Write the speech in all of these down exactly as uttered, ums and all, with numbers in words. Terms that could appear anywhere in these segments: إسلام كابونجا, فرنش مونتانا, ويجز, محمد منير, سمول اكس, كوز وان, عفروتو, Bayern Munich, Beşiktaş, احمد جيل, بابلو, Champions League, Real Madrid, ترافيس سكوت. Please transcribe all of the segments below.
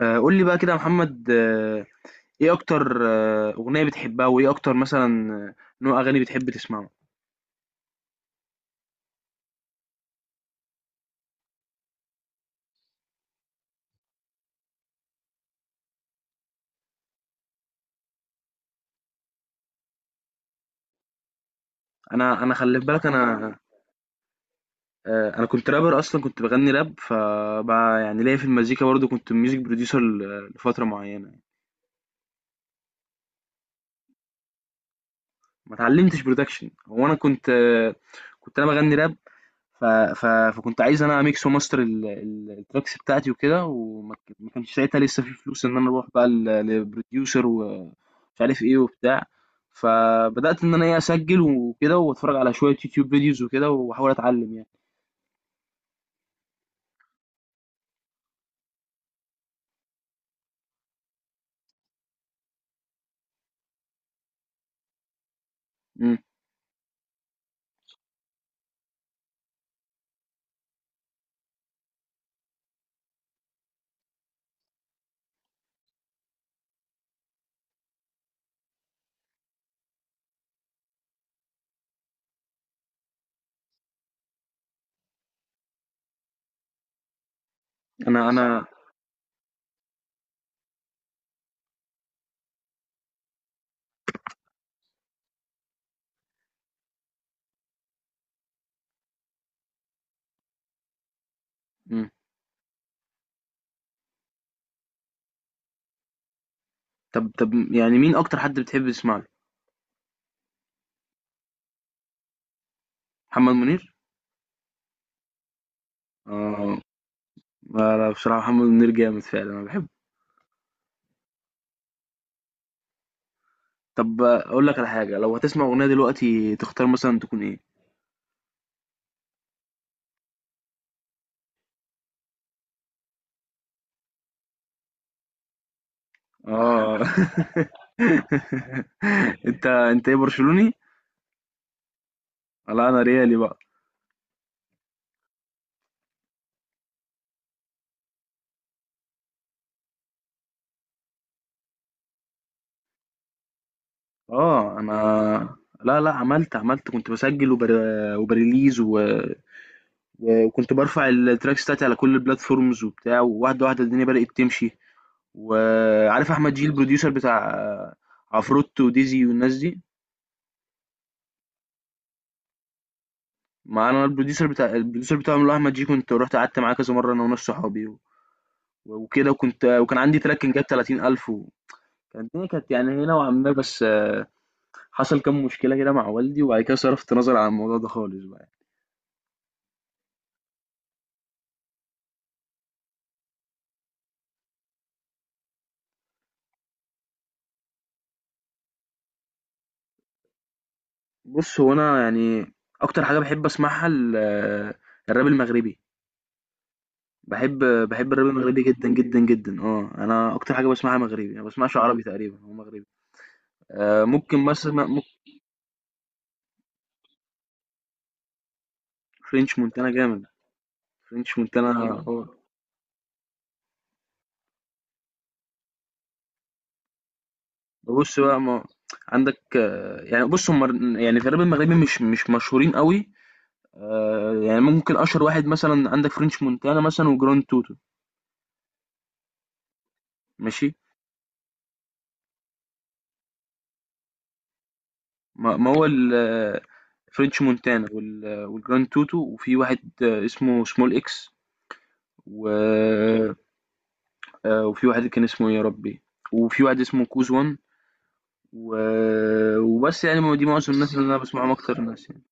آه، قول لي بقى كده يا محمد آه، ايه اكتر آه، اغنيه بتحبها، وايه اكتر مثلا آه، نوع اغاني بتحب تسمعه. انا انا خلي بالك، انا آه، انا كنت رابر، اصلا كنت بغني راب، فبقى يعني ليا في المزيكا برضو، كنت ميوزك بروديوسر ل- لفتره معينه. ما اتعلمتش برودكشن. هو انا كنت آه، كنت انا بغني راب. ف... ف... فكنت عايز انا اميكس وماستر ال... ال- التراكس بتاعتي وكده، وما ك- ما كانش ساعتها لسه في فلوس ان انا اروح بقى ل- لبروديوسر ومش عارف ايه وبتاع. فبدات ان انا ايه اسجل وكده واتفرج على شويه يوتيوب فيديوز وكده واحاول اتعلم يعني. امم انا انا امم. طب طب، يعني مين اكتر حد بتحب تسمع له؟ محمد منير. اه. لا لا، بصراحه محمد منير جامد فعلا، انا بحبه. طب اقول لك على حاجه، لو هتسمع اغنيه دلوقتي تختار مثلا تكون ايه؟ اه انت انت ايه، برشلوني؟ لا انا ريالي بقى. اه انا. لا لا، عملت عملت، كنت بسجل وبر... وبريليز، و... و- وكنت برفع التراكس بتاعتي على كل البلاتفورمز وبتاع، وواحده واحده الدنيا بدأت تمشي. وعارف احمد جيل، البروديوسر بتاع عفروتو وديزي والناس دي. ما انا البروديوسر بتاع البروديوسر بتاعهم اللي هو احمد جيل، كنت رحت قعدت معاه كذا مره انا وناس صحابي و- وكده. وكنت وكان عندي تراك كان جاب ثلاثين ألف. كانت الدنيا كانت يعني هنا نوعا ما، بس آه، حصل كام مشكلة كده مع والدي، وبعد كده صرفت نظر عن الموضوع ده خالص بقى. بص هو أنا يعني أكتر حاجة بحب أسمعها ال- آه، الراب المغربي. بحب بحب الراب المغربي جدا جدا جدا. اه، انا اكتر حاجه بسمعها مغربي، انا بسمعش عربي تقريبا، هو مغربي. آه، ممكن مثلا ممكن. فرنش مونتانا جامد. فرنش مونتانا. بص بقى، ما عندك آه، يعني بص، هم يعني في الراب المغربي مش مش مشهورين قوي. آه، يعني ممكن أشهر واحد مثلا عندك فرنش مونتانا مثلا، وجراند توتو. ماشي. ما ما هو ال- آه، فرنش مونتانا وال- والجراند توتو، وفي واحد آه، اسمه سمول اكس و... آه، وفي واحد كان اسمه إيه يا ربي، وفي واحد اسمه كوز وان و... وبس يعني ما- دي معظم الناس اللي انا بسمعهم اكتر الناس يعني.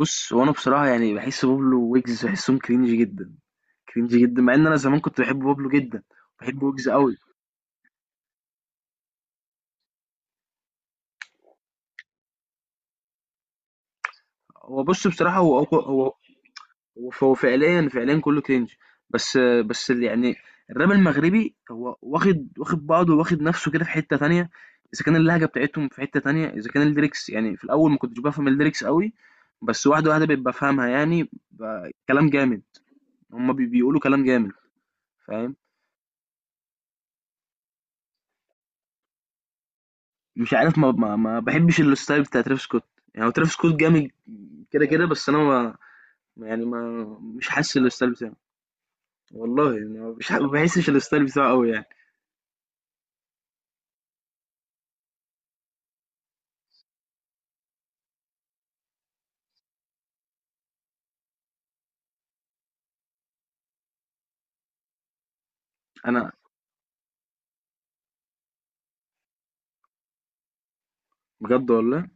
بص، وانا بصراحه يعني بحس بابلو ويجز بحسهم كرينج جدا، كرينج جدا، مع ان انا زمان كنت بحب بابلو جدا. بحب ويجز قوي. هو بص بصراحه هو هو، وهو فعليا فعليا كله كرنج. بس بس اللي يعني، الراب المغربي هو واخد واخد بعضه، واخد نفسه كده في حتة تانية. اذا كان اللهجة بتاعتهم في حتة تانية، اذا كان الليركس، يعني في الاول ما كنتش بفهم الليركس قوي، بس واحدة واحدة بقيت بفهمها يعني، ب- كلام جامد. هما بي- بيقولوا كلام جامد. فاهم؟ مش عارف، ما, ما, ما بحبش الستايل بتاع ترافيس سكوت. يعني هو ترافيس سكوت جامد كده كده، بس انا ما، يعني ما مش حاسس الستايل بتاعه. والله يعني، ما مش ح- ما بحسش الستايل بتاعه قوي يعني. انا بجد والله،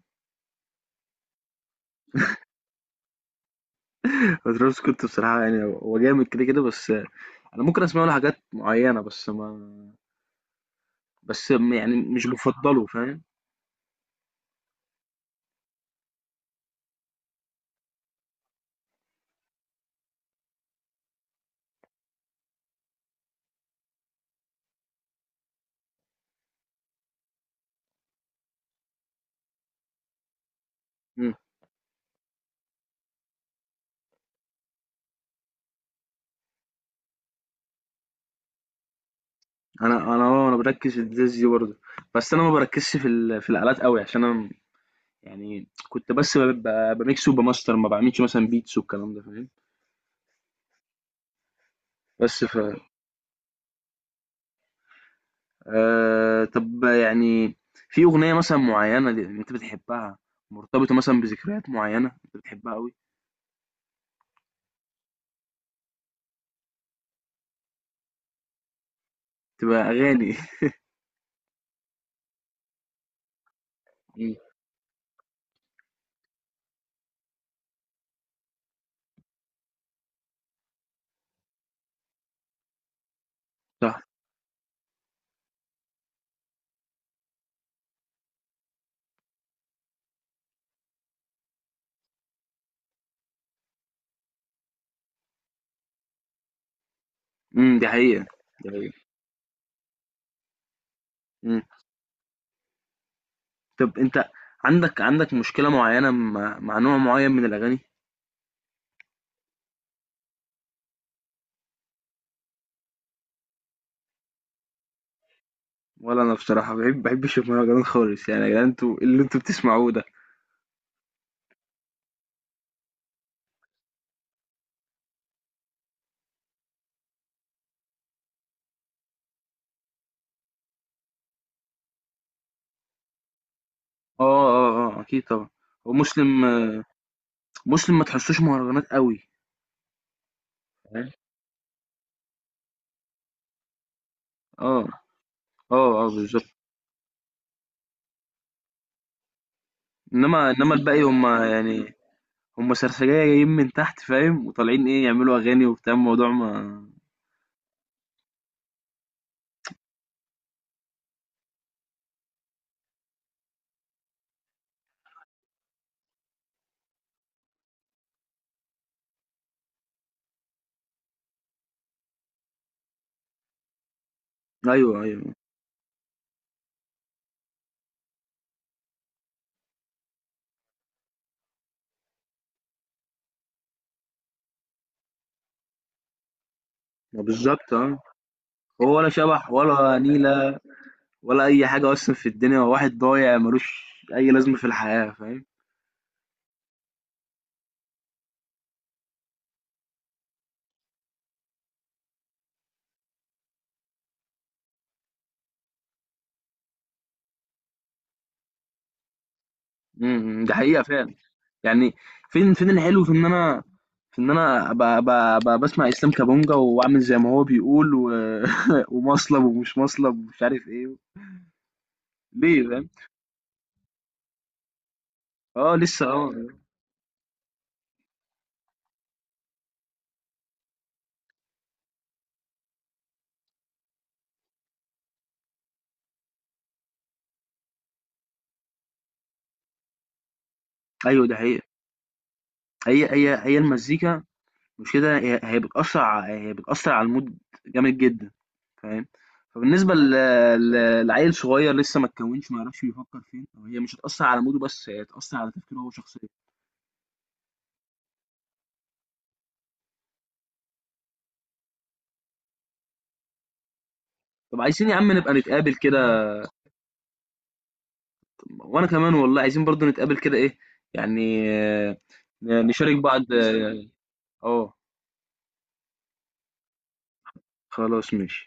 ترافيس سكوت بصراحة يعني هو جامد كده كده، بس أنا ممكن أسمع له حاجات معينة، بس ما بس م- يعني مش بفضله. فاهم؟ مم. أنا أنا أه أنا بركز في الجاز دي برضه، بس أنا ما بركزش في ال... في الآلات قوي، عشان أنا م- يعني كنت بس ب- ب- بميكس وبماستر، ما بعملش مثلا بيتس والكلام ده. فاهم؟ بس، ف آه... طب يعني، في أغنية مثلا معينة دي- أنت بتحبها، مرتبطة مثلا بذكريات معينة أنت بتحبها قوي. تبقى أغاني مم. صح. امم دي حقيقة. إمم. طب أنت، عندك عندك مشكلة معيّنة، مع مع نوع معيّن من الأغاني؟ ولا أنا بصراحة، ما باحب ما باحبش المهرجانات خالص، يعني يا جدعان، أنتم إيه اللي أنتم بتسمعوه ده؟ آه، آه، آه، أكيد طبعًا. هو مسلم. مسلم ما تحسّوش مهرجانات أوي، فاهم؟ آه، آه، آه، بالضبط. إنّما إنّما الباقي، هم يعني هم سرسجية جايين من تحت، فاهم، وطالعين إيه، يعملوا أغاني وبتاع، الموضوع ما. أيوه، أيوه. ما بالضبط، آه. هو ولا شبح ولا نيلة، ولا أي حاجة أصلًا في الدنيا، هو واحد ضايع مالوش أي لازمة في الحياة، فاهم؟ إمم، إمم، دي حقيقة فعلًا. يعني، فين فين الحلو، في إن أنا، في إن أنا أبقى أبقى أبقى باسمع إسلام كابونجا، وأعمل زي ما هو بيقول، و ومصلب ومش مصلب، ومش عارف إيه. ليه فاهم؟ آه لسه آه، أيوه دي حقيقة. هي هي هي المزيكا، مش كده؟ هي هي بتأثر ع- هي بتأثر على المود جامد جدا، فاهم؟ فبالنسبة ل- ل- لعيل صغير لسه ما اتكونش، ما يعرفش بيفكر فين، هي مش هتأثر على موده، بس هي هتأثر على تفكيره هو شخصيا. طب عايزين يا عم نبقى نتقابل كده؟ وانا كمان والله، عايزين برضو نتقابل كده، ايه يعني آه، نشارك بعض اه آه، خلاص ماشي.